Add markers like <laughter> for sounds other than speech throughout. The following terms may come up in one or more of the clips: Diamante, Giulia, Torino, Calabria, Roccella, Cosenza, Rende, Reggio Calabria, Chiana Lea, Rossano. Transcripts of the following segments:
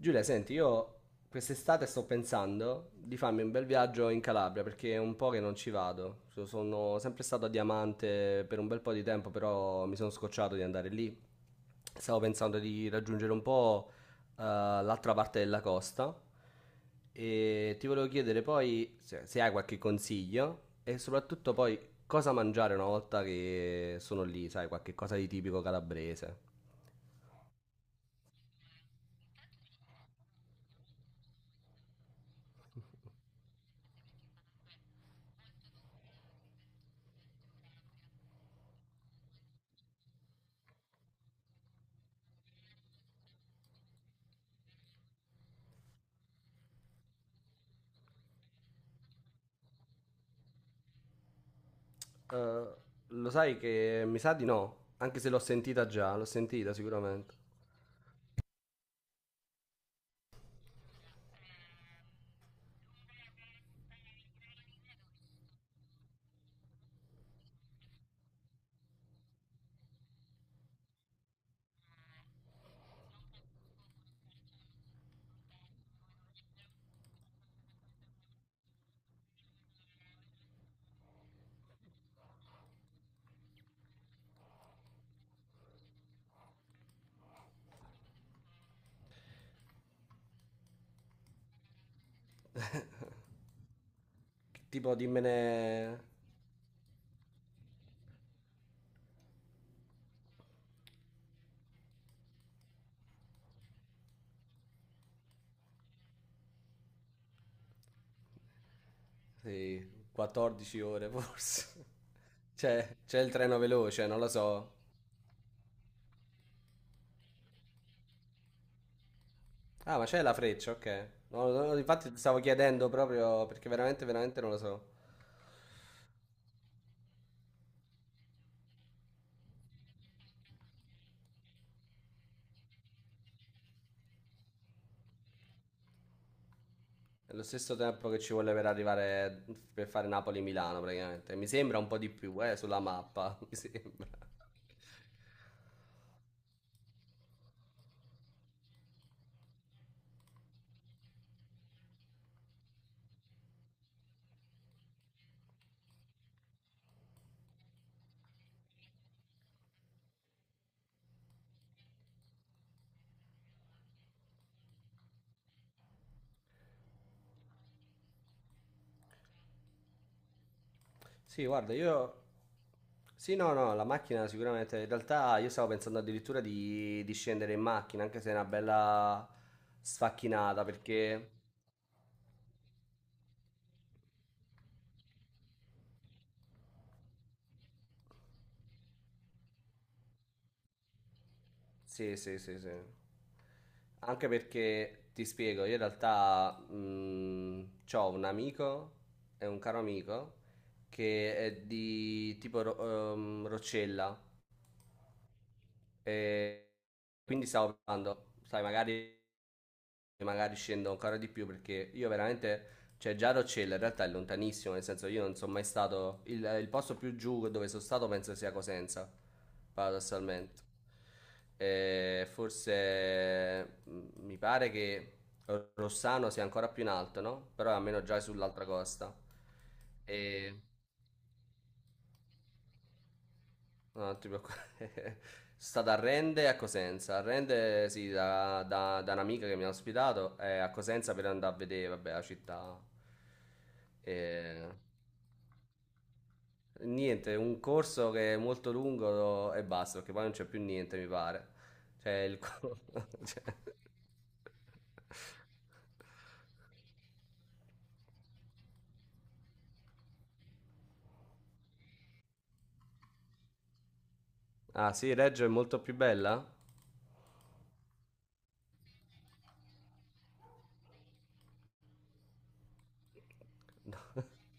Giulia, senti, io quest'estate sto pensando di farmi un bel viaggio in Calabria perché è un po' che non ci vado. Sono sempre stato a Diamante per un bel po' di tempo, però mi sono scocciato di andare lì. Stavo pensando di raggiungere un po' l'altra parte della costa e ti volevo chiedere poi se hai qualche consiglio e soprattutto poi cosa mangiare una volta che sono lì, sai, qualche cosa di tipico calabrese. Eh, lo sai che mi sa di no, anche se l'ho sentita già, l'ho sentita sicuramente. Tipo dimmene sì, 14 ore forse. <laughs> C'è il treno veloce, non lo so. Ah, ma c'è la freccia, ok. No, no, no, infatti stavo chiedendo proprio perché veramente, veramente non lo so. È lo stesso tempo che ci vuole per arrivare per fare Napoli-Milano praticamente. Mi sembra un po' di più, sulla mappa, <laughs> mi sembra. Sì, guarda, io... Sì, no, no, la macchina sicuramente. In realtà io stavo pensando addirittura di scendere in macchina, anche se è una bella sfacchinata, perché... Sì, sì, sì, sì. Anche perché, ti spiego, io in realtà ho un amico, è un caro amico, che è di tipo Roccella. E quindi stavo provando, sai, magari, magari scendo ancora di più perché io veramente, cioè già Roccella in realtà è lontanissimo, nel senso io non sono mai stato, il posto più giù dove sono stato penso sia Cosenza, paradossalmente. E forse mi pare che Rossano sia ancora più in alto, no? Però è almeno già è sull'altra costa. E ah, ti preoccupare. <laughs> Sta da Rende e a Cosenza. A Rende, sì, da un'amica che mi ha ospitato, e a Cosenza per andare a vedere, vabbè, la città. E... Niente, un corso che è molto lungo e basta, perché poi non c'è più niente, mi pare. Cioè, <laughs> cioè... Ah, sì, Reggio è molto più bella? <laughs>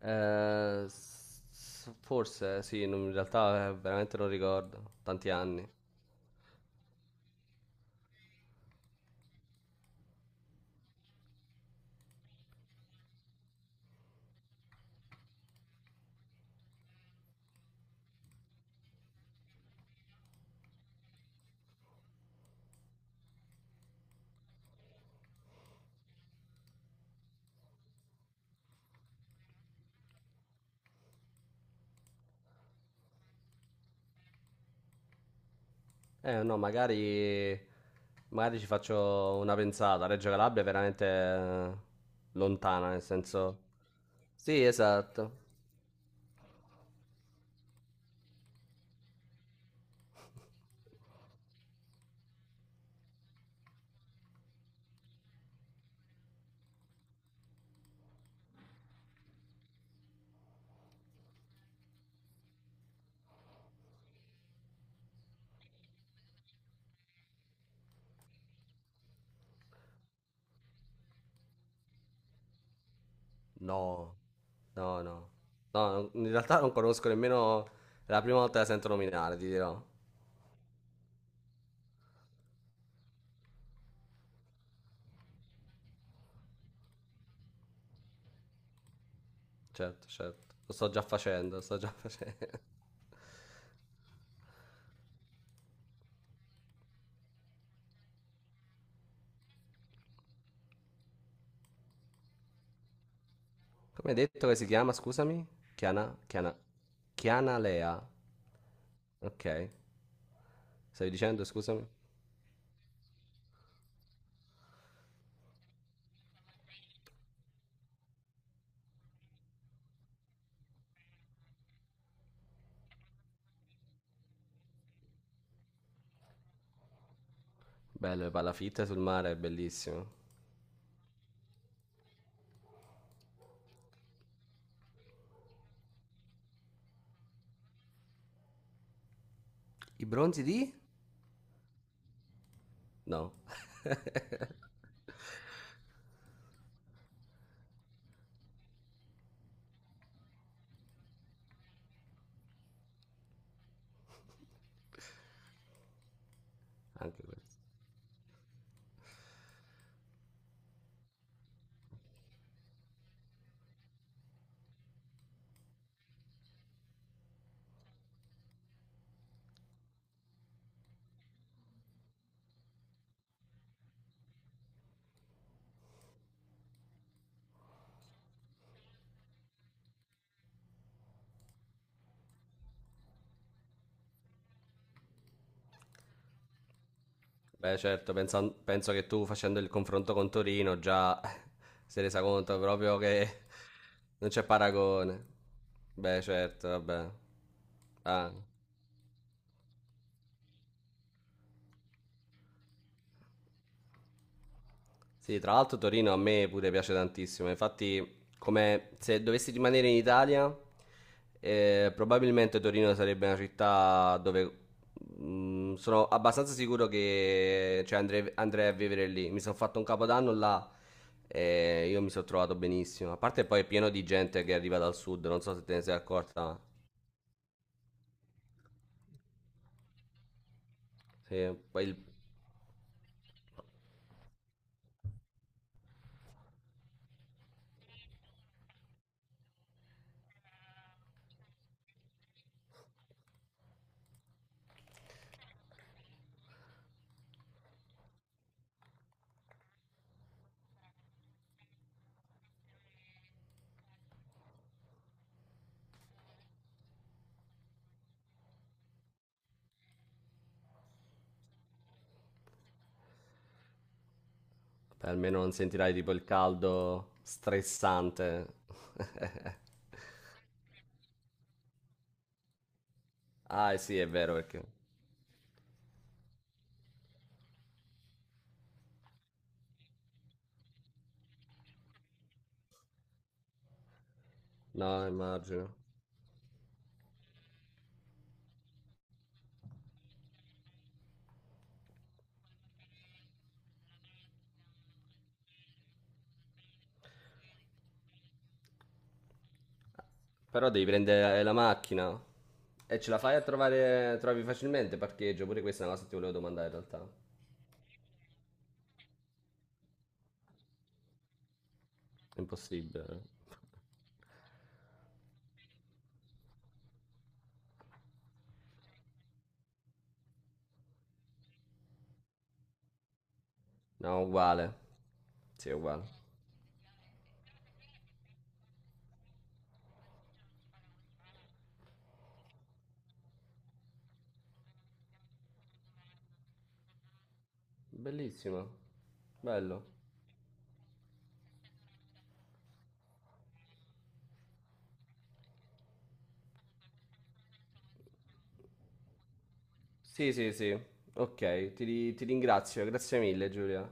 Forse, sì, in realtà veramente non ricordo. Tanti anni. Eh no, magari, magari ci faccio una pensata. Reggio Calabria è veramente lontana, nel senso... Sì, esatto. No, no, no. No, in realtà non conosco nemmeno... È la prima volta che la sento nominare, ti dirò. Certo, certo. Lo sto già facendo, lo sto già <laughs> facendo. Come hai detto che si chiama, scusami? Chiana, Chiana, Chiana Lea. Ok. Stavi dicendo, scusami? Bello, le palafitte sul mare, è bellissimo. I bronzi di? No, anche questo. Beh, certo, penso che tu facendo il confronto con Torino già <laughs> si è resa conto proprio che <laughs> non c'è paragone. Beh, certo, vabbè. Ah. Sì, tra l'altro Torino a me pure piace tantissimo, infatti come se dovessi rimanere in Italia, probabilmente Torino sarebbe una città dove mm, sono abbastanza sicuro che cioè, andrei a vivere lì. Mi sono fatto un capodanno là e io mi sono trovato benissimo. A parte poi è pieno di gente che arriva dal sud, non so se te ne sei accorta, ma sì, beh, almeno non sentirai tipo il caldo stressante. <laughs> Ah, sì, è vero perché... No, immagino. Però devi prendere la macchina. E ce la fai a trovare, trovi facilmente parcheggio? Pure questa è una cosa che ti volevo domandare in realtà. È impossibile. No, uguale. Sì, è uguale. Bellissimo. Bello. Sì, sì, sì. Ok, ti ringrazio. Grazie mille, Giulia.